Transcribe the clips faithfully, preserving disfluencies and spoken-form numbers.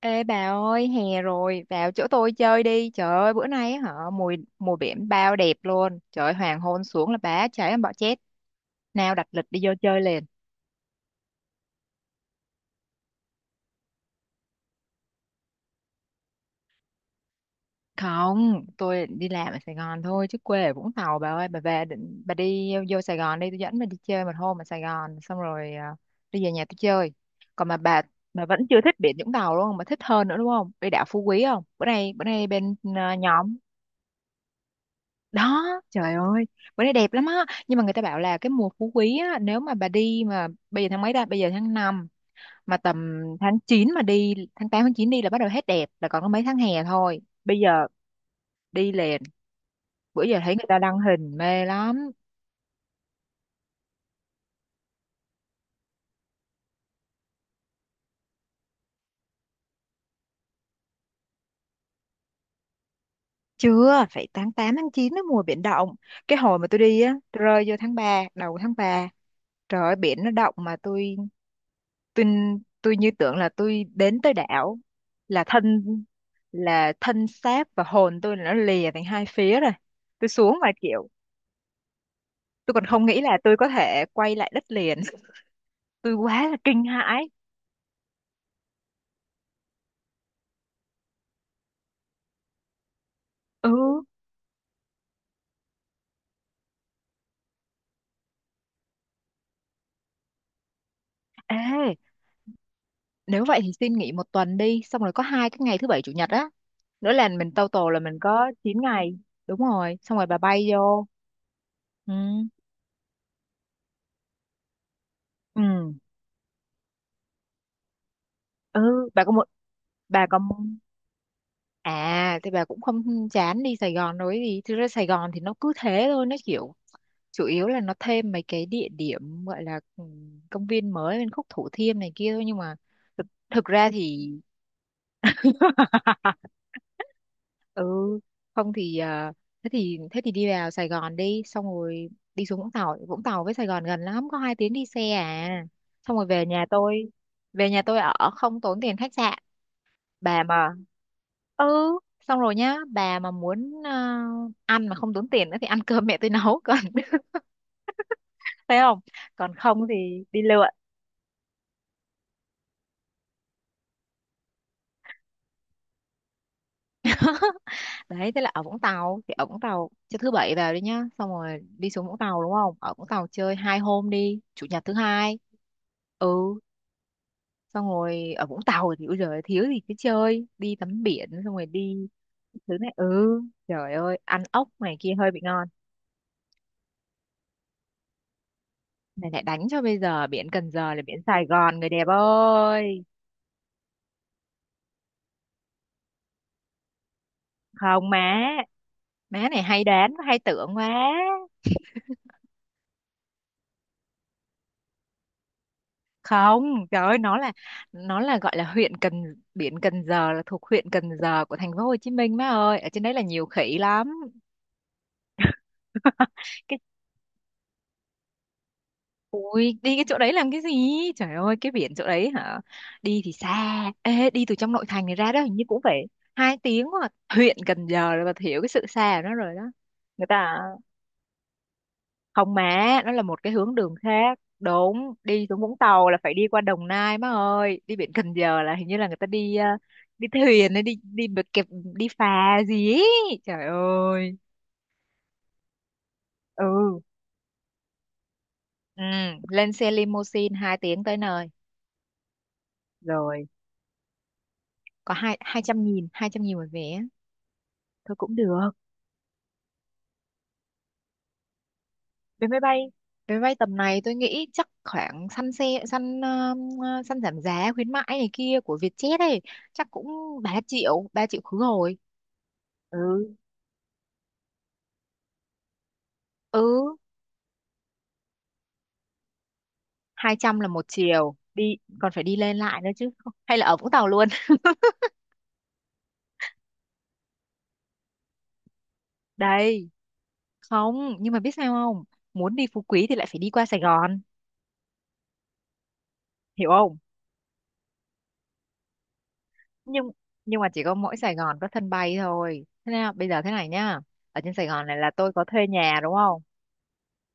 Ê bà ơi, hè rồi, vào chỗ tôi chơi đi. Trời ơi, bữa nay á hả, mùi mùa biển bao đẹp luôn. Trời ơi, hoàng hôn xuống là bá cháy em bỏ chết. Nào đặt lịch đi vô chơi liền. Không, tôi đi làm ở Sài Gòn thôi chứ quê ở Vũng Tàu bà ơi, bà về định bà đi vô Sài Gòn đi, tôi dẫn bà đi chơi một hôm ở Sài Gòn xong rồi à, đi về nhà tôi chơi. Còn mà bà bà vẫn chưa thích biển Vũng Tàu luôn mà thích hơn nữa đúng không? Đi đảo Phú Quý không? Bữa nay bữa nay bên à, nhóm đó, trời ơi bữa nay đẹp lắm á. Nhưng mà người ta bảo là cái mùa phú quý á, nếu mà bà đi mà bây giờ tháng mấy ta? Bây giờ tháng năm mà tầm tháng chín mà đi, tháng tám tháng chín đi là bắt đầu hết đẹp, là còn có mấy tháng hè thôi, bây giờ đi liền. Bữa giờ thấy người ta đăng hình mê lắm. Chưa, phải tháng tám tháng chín nó mùa biển động. Cái hồi mà tôi đi á, tôi rơi vô tháng ba đầu tháng ba, trời ơi biển nó động mà tôi tôi tôi như tưởng là tôi đến tới đảo là thân là thân xác và hồn tôi là nó lìa thành hai phía rồi, tôi xuống mà kiểu tôi còn không nghĩ là tôi có thể quay lại đất liền tôi quá là kinh hãi. Ừ. Ê, nếu vậy thì xin nghỉ một tuần đi, xong rồi có hai cái ngày thứ bảy chủ nhật á, nữa là mình total là mình có chín ngày. Đúng rồi, xong rồi bà bay vô. Ừ. Ừ. Ừ. bà có một bà có À, thì bà cũng không chán đi Sài Gòn nói gì. Thực ra Sài Gòn thì nó cứ thế thôi, nó kiểu chủ yếu là nó thêm mấy cái địa điểm gọi là ừ, công viên mới bên khúc Thủ Thiêm này kia thôi, nhưng mà thực, thực ra thì ừ không thì à, thế thì thế thì đi vào Sài Gòn đi, xong rồi đi xuống Vũng Tàu. Vũng Tàu với Sài Gòn gần lắm, có hai tiếng đi xe à. Xong rồi về nhà tôi, về nhà tôi ở không tốn tiền khách sạn. Bà mà ừ, xong rồi nhá, bà mà muốn ờ, ăn mà không tốn tiền nữa thì ăn cơm mẹ tôi nấu còn thấy không? Còn không thì đi lượn. Đấy, thế là ở Vũng Tàu thì ở Vũng Tàu cho thứ bảy vào đi nhá, xong rồi đi xuống Vũng Tàu đúng không? Ở Vũng Tàu chơi hai hôm đi, chủ nhật thứ hai. Ừ, xong rồi ở Vũng Tàu thì bây giờ thiếu gì, cứ chơi đi tắm biển xong rồi đi thứ này. Ừ, trời ơi ăn ốc này kia hơi bị ngon. Này lại đánh cho, bây giờ biển Cần Giờ là biển Sài Gòn người đẹp ơi. Không má, má này hay đoán và hay tưởng quá. Không, trời ơi, nó là nó là gọi là huyện Cần, biển Cần Giờ là thuộc huyện Cần Giờ của thành phố Hồ Chí Minh má ơi. Ở trên đấy là nhiều khỉ lắm. Cái ui, đi cái chỗ đấy làm cái gì? Trời ơi, cái biển chỗ đấy hả? Đi thì xa. Ê, đi từ trong nội thành này ra đó hình như cũng phải hai tiếng, hoặc huyện Cần Giờ rồi bà hiểu cái sự xa của nó rồi đó. Người ta không má, nó là một cái hướng đường khác, đúng, đi xuống Vũng Tàu là phải đi qua Đồng Nai má ơi, đi biển Cần Giờ là hình như là người ta đi ờ, đi thuyền hay đi đi bờ kẹp, đi phà gì ấy. Trời ơi. Ừ. Ừ. Lên xe limousine hai tiếng tới nơi. Rồi, có hai hai trăm nghìn hai trăm nghìn một vé. Thôi cũng được. Vé máy bay vé máy bay tầm này tôi nghĩ chắc khoảng săn xe săn ờ, ờ, săn giảm giá khuyến mãi này kia của Vietjet ấy, chắc cũng ba triệu ba triệu khứ hồi. Ừ. Ừ. Hai trăm là một chiều đi còn phải đi lên lại nữa chứ. Không- hay là ở Vũng Tàu luôn. đây không, nhưng mà biết sao không, muốn đi Phú Quý thì lại phải đi qua Sài Gòn. Hiểu không? Nhưng nhưng mà chỉ có mỗi Sài Gòn có sân bay thôi. Thế nào bây giờ, thế này nhá, ở trên Sài Gòn này là tôi có thuê nhà đúng không,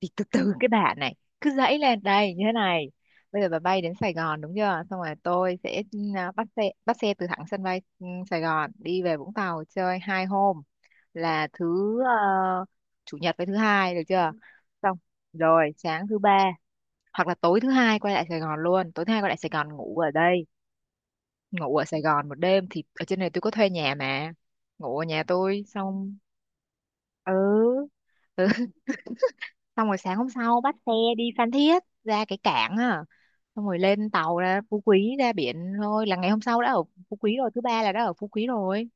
thì từ từ cái bà này, cứ dãy lên đây như thế này. Bây giờ bà bay đến Sài Gòn đúng chưa, xong rồi tôi sẽ ừ, bắt xe bắt xe từ thẳng sân bay ừ, Sài Gòn đi về Vũng Tàu chơi hai hôm, là thứ ờ, chủ nhật với thứ hai được chưa? Xong rồi sáng thứ ba hoặc là tối thứ hai quay lại Sài Gòn luôn, tối thứ hai quay lại Sài Gòn ngủ ở đây. Ngủ ở Sài Gòn một đêm, thì ở trên này tôi có thuê nhà mà, ngủ ở nhà tôi xong. Ừ. Ừ, xong rồi sáng hôm sau bắt xe đi Phan Thiết, ra cái cảng à, xong rồi lên tàu ra Phú Quý, ra biển thôi, là ngày hôm sau đã ở Phú Quý rồi, thứ ba là đã ở Phú Quý rồi.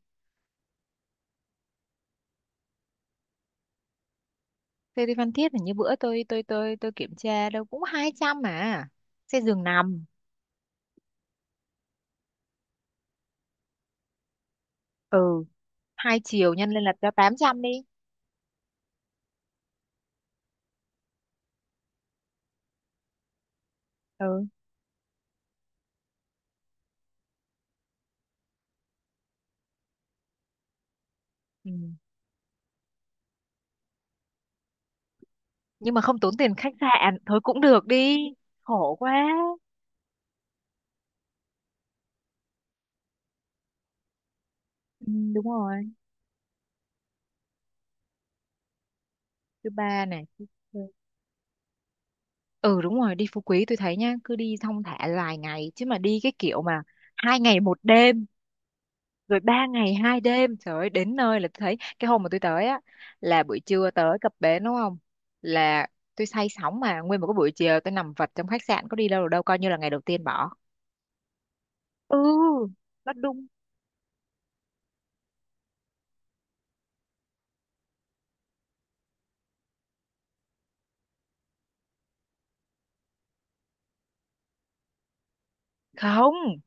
Xe đi Phan Thiết là như bữa tôi tôi tôi tôi kiểm tra đâu cũng hai trăm mà, xe giường nằm. Ừ, hai chiều nhân lên là cho tám trăm đi. Ừ. Ừ, nhưng mà không tốn tiền khách sạn thôi cũng được đi, khổ quá. Ừ, đúng rồi, thứ ba này, thứ tư, ừ đúng rồi, đi Phú Quý tôi thấy nhá, cứ đi thong thả vài ngày chứ mà đi cái kiểu mà hai ngày một đêm rồi ba ngày hai đêm. Trời ơi, đến nơi là tôi thấy cái hôm mà tôi tới á là buổi trưa tới cập bến đúng không, là tôi say sóng mà nguyên một cái buổi chiều tôi nằm vật trong khách sạn, có đi đâu được đâu, coi như là ngày đầu tiên bỏ. Ừ, nó đúng không,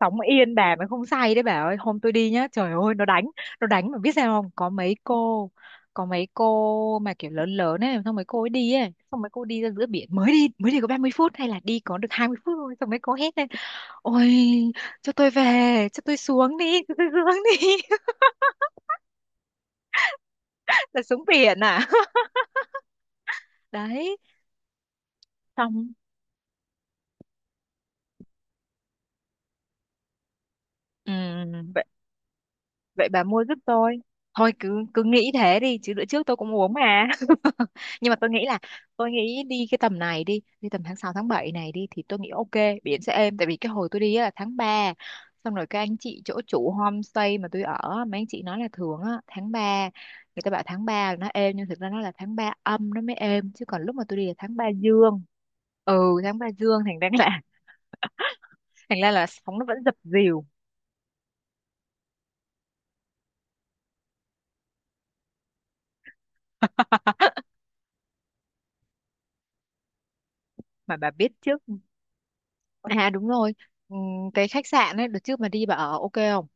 sống yên bà mới không say đấy bà ơi. Hôm tôi đi nhá, trời ơi nó đánh, nó đánh mà biết sao không, có mấy cô, có mấy cô mà kiểu lớn lớn ấy, xong mấy cô ấy đi ấy, xong mấy cô đi ra giữa biển mới đi, mới đi có ba mươi phút hay là đi có được hai mươi phút thôi, xong mấy cô hét lên, ôi cho tôi về, cho tôi xuống đi cho tôi xuống đi là xuống biển à? Đấy, xong. Ừ, vậy bà mua giúp tôi, thôi cứ cứ nghĩ thế đi chứ bữa trước tôi cũng uống mà nhưng mà tôi nghĩ là tôi nghĩ đi cái tầm này đi đi tầm tháng sáu tháng bảy này đi thì tôi nghĩ ok, biển sẽ êm tại vì cái hồi tôi đi á là tháng ba, xong rồi các anh chị chỗ chủ homestay mà tôi ở á, mấy anh chị nói là thường á tháng ba, người ta bảo tháng ba là nó êm nhưng thực ra nó là tháng ba âm nó mới êm, chứ còn lúc mà tôi đi là tháng ba dương. Ừ, tháng ba dương thành ra là thành ra là sóng nó vẫn dập dìu mà bà biết trước. À đúng rồi, Ừm, cái khách sạn ấy, đợt trước mà đi bà ở ok không?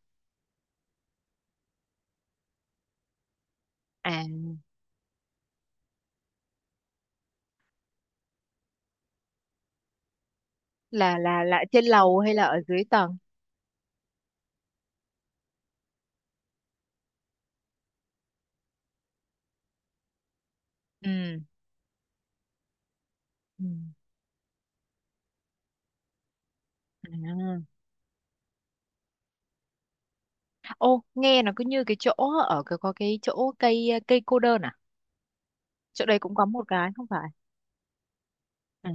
À là là là trên lầu hay là ở dưới tầng? Ừ. Ừ. À. Ô, nghe nó cứ như cái chỗ, ở cái có cái chỗ cây cây cô đơn à? Chỗ đây cũng có một cái không phải? Ừ.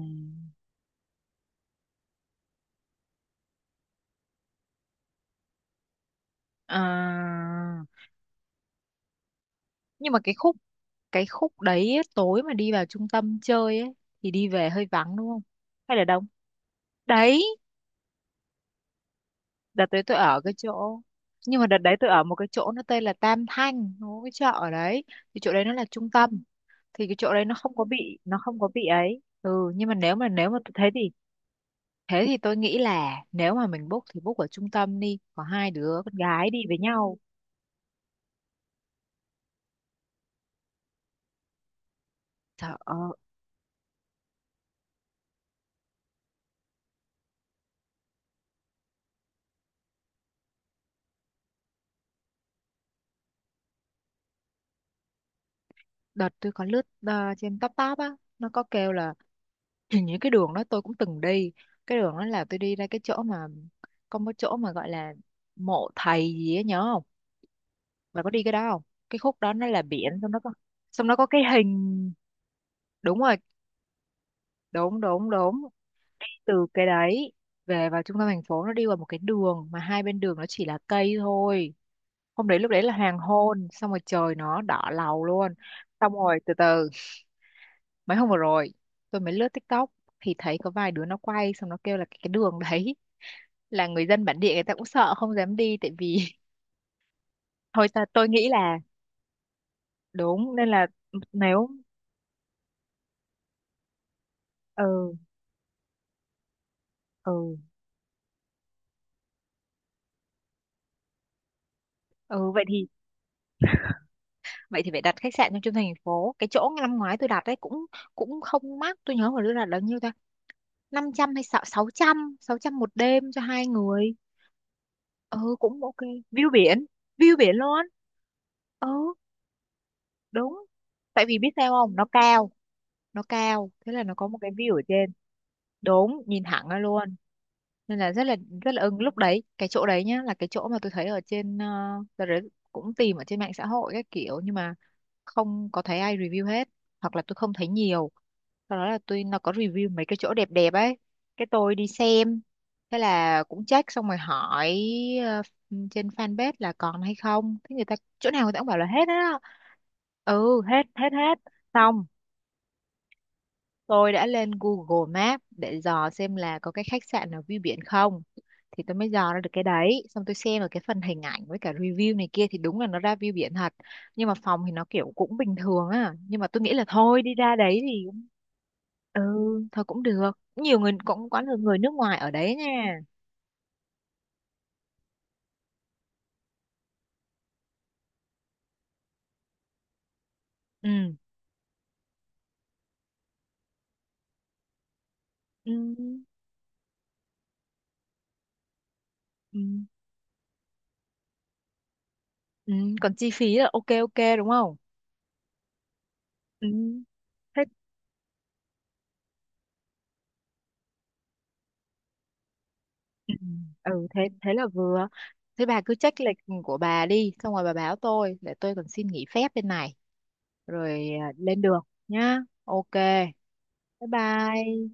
À. Nhưng mà cái khúc cái khúc đấy ấy, tối mà đi vào trung tâm chơi ấy thì đi về hơi vắng đúng không? Hay là đông? Đấy, đợt đấy tôi ở cái chỗ nhưng mà đợt đấy tôi ở một cái chỗ nó tên là Tam Thanh, nó có cái chợ ở đấy, thì chỗ đấy nó là trung tâm, thì cái chỗ đấy nó không có bị nó không có bị ấy. Ừ, nhưng mà nếu mà nếu mà thế thì thế thì tôi nghĩ là nếu mà mình book thì book ở trung tâm đi, có hai đứa con gái đi với nhau. Trời ơi, đợt tôi có lướt ờ, trên top top á, nó có kêu là hình như cái đường đó tôi cũng từng đi, cái đường đó là tôi đi ra cái chỗ mà có một chỗ mà gọi là mộ thầy gì ấy, nhớ không? Bà có đi cái đó không? Cái khúc đó nó là biển, xong nó có xong nó có cái hình. Đúng rồi, đúng đúng đúng. Từ cái đấy về vào trung tâm thành phố nó đi qua một cái đường mà hai bên đường nó chỉ là cây thôi. Hôm đấy lúc đấy là hoàng hôn, xong rồi trời nó đỏ lầu luôn. Xong rồi từ từ mấy hôm vừa rồi tôi mới lướt TikTok thì thấy có vài đứa nó quay, xong nó kêu là cái đường đấy là người dân bản địa người ta cũng sợ không dám đi tại vì thôi ta tôi nghĩ là đúng, nên là nếu. Ừ. Ừ. Ừ, vậy thì vậy thì phải đặt khách sạn trong trung thành thành phố, cái chỗ năm ngoái tôi đặt đấy cũng cũng không mắc. Tôi nhớ hồi đó là bao nhiêu ta, năm trăm hay sáu sáu trăm sáu trăm một đêm cho hai người. Ừ cũng ok. View biển, view biển luôn. Ừ đúng. Tại vì biết sao không, nó cao, nó cao thế là nó có một cái view ở trên. Đúng, nhìn thẳng ra luôn, nên là rất là rất là ưng lúc đấy, cái chỗ đấy nhá là cái chỗ mà tôi thấy ở trên ờ, đợt đấy cũng tìm ở trên mạng xã hội các kiểu nhưng mà không có thấy ai review hết, hoặc là tôi không thấy nhiều. Sau đó là tôi, nó có review mấy cái chỗ đẹp đẹp ấy, cái tôi đi xem, thế là cũng check xong rồi hỏi ờ, trên fanpage là còn hay không, thế người ta chỗ nào người ta cũng bảo là hết á. Ừ hết hết hết. Xong tôi đã lên Google Maps để dò xem là có cái khách sạn nào view biển không. Thì tôi mới dò ra được cái đấy. Xong tôi xem ở cái phần hình ảnh với cả review này kia thì đúng là nó ra view biển thật. Nhưng mà phòng thì nó kiểu cũng bình thường á. Nhưng mà tôi nghĩ là thôi đi ra đấy thì ừ thôi cũng được. Nhiều người cũng có nhiều người nước ngoài ở đấy nha. Ừ. Ừ. Ừ. Ừ. Còn chi phí là ok ok đúng không? Ừ. Thế Ừ. Ừ, thế thế là vừa. Thế bà cứ check lịch của bà đi, xong rồi bà báo tôi để tôi còn xin nghỉ phép bên này, rồi à, lên đường nhá. Ok. Bye bye.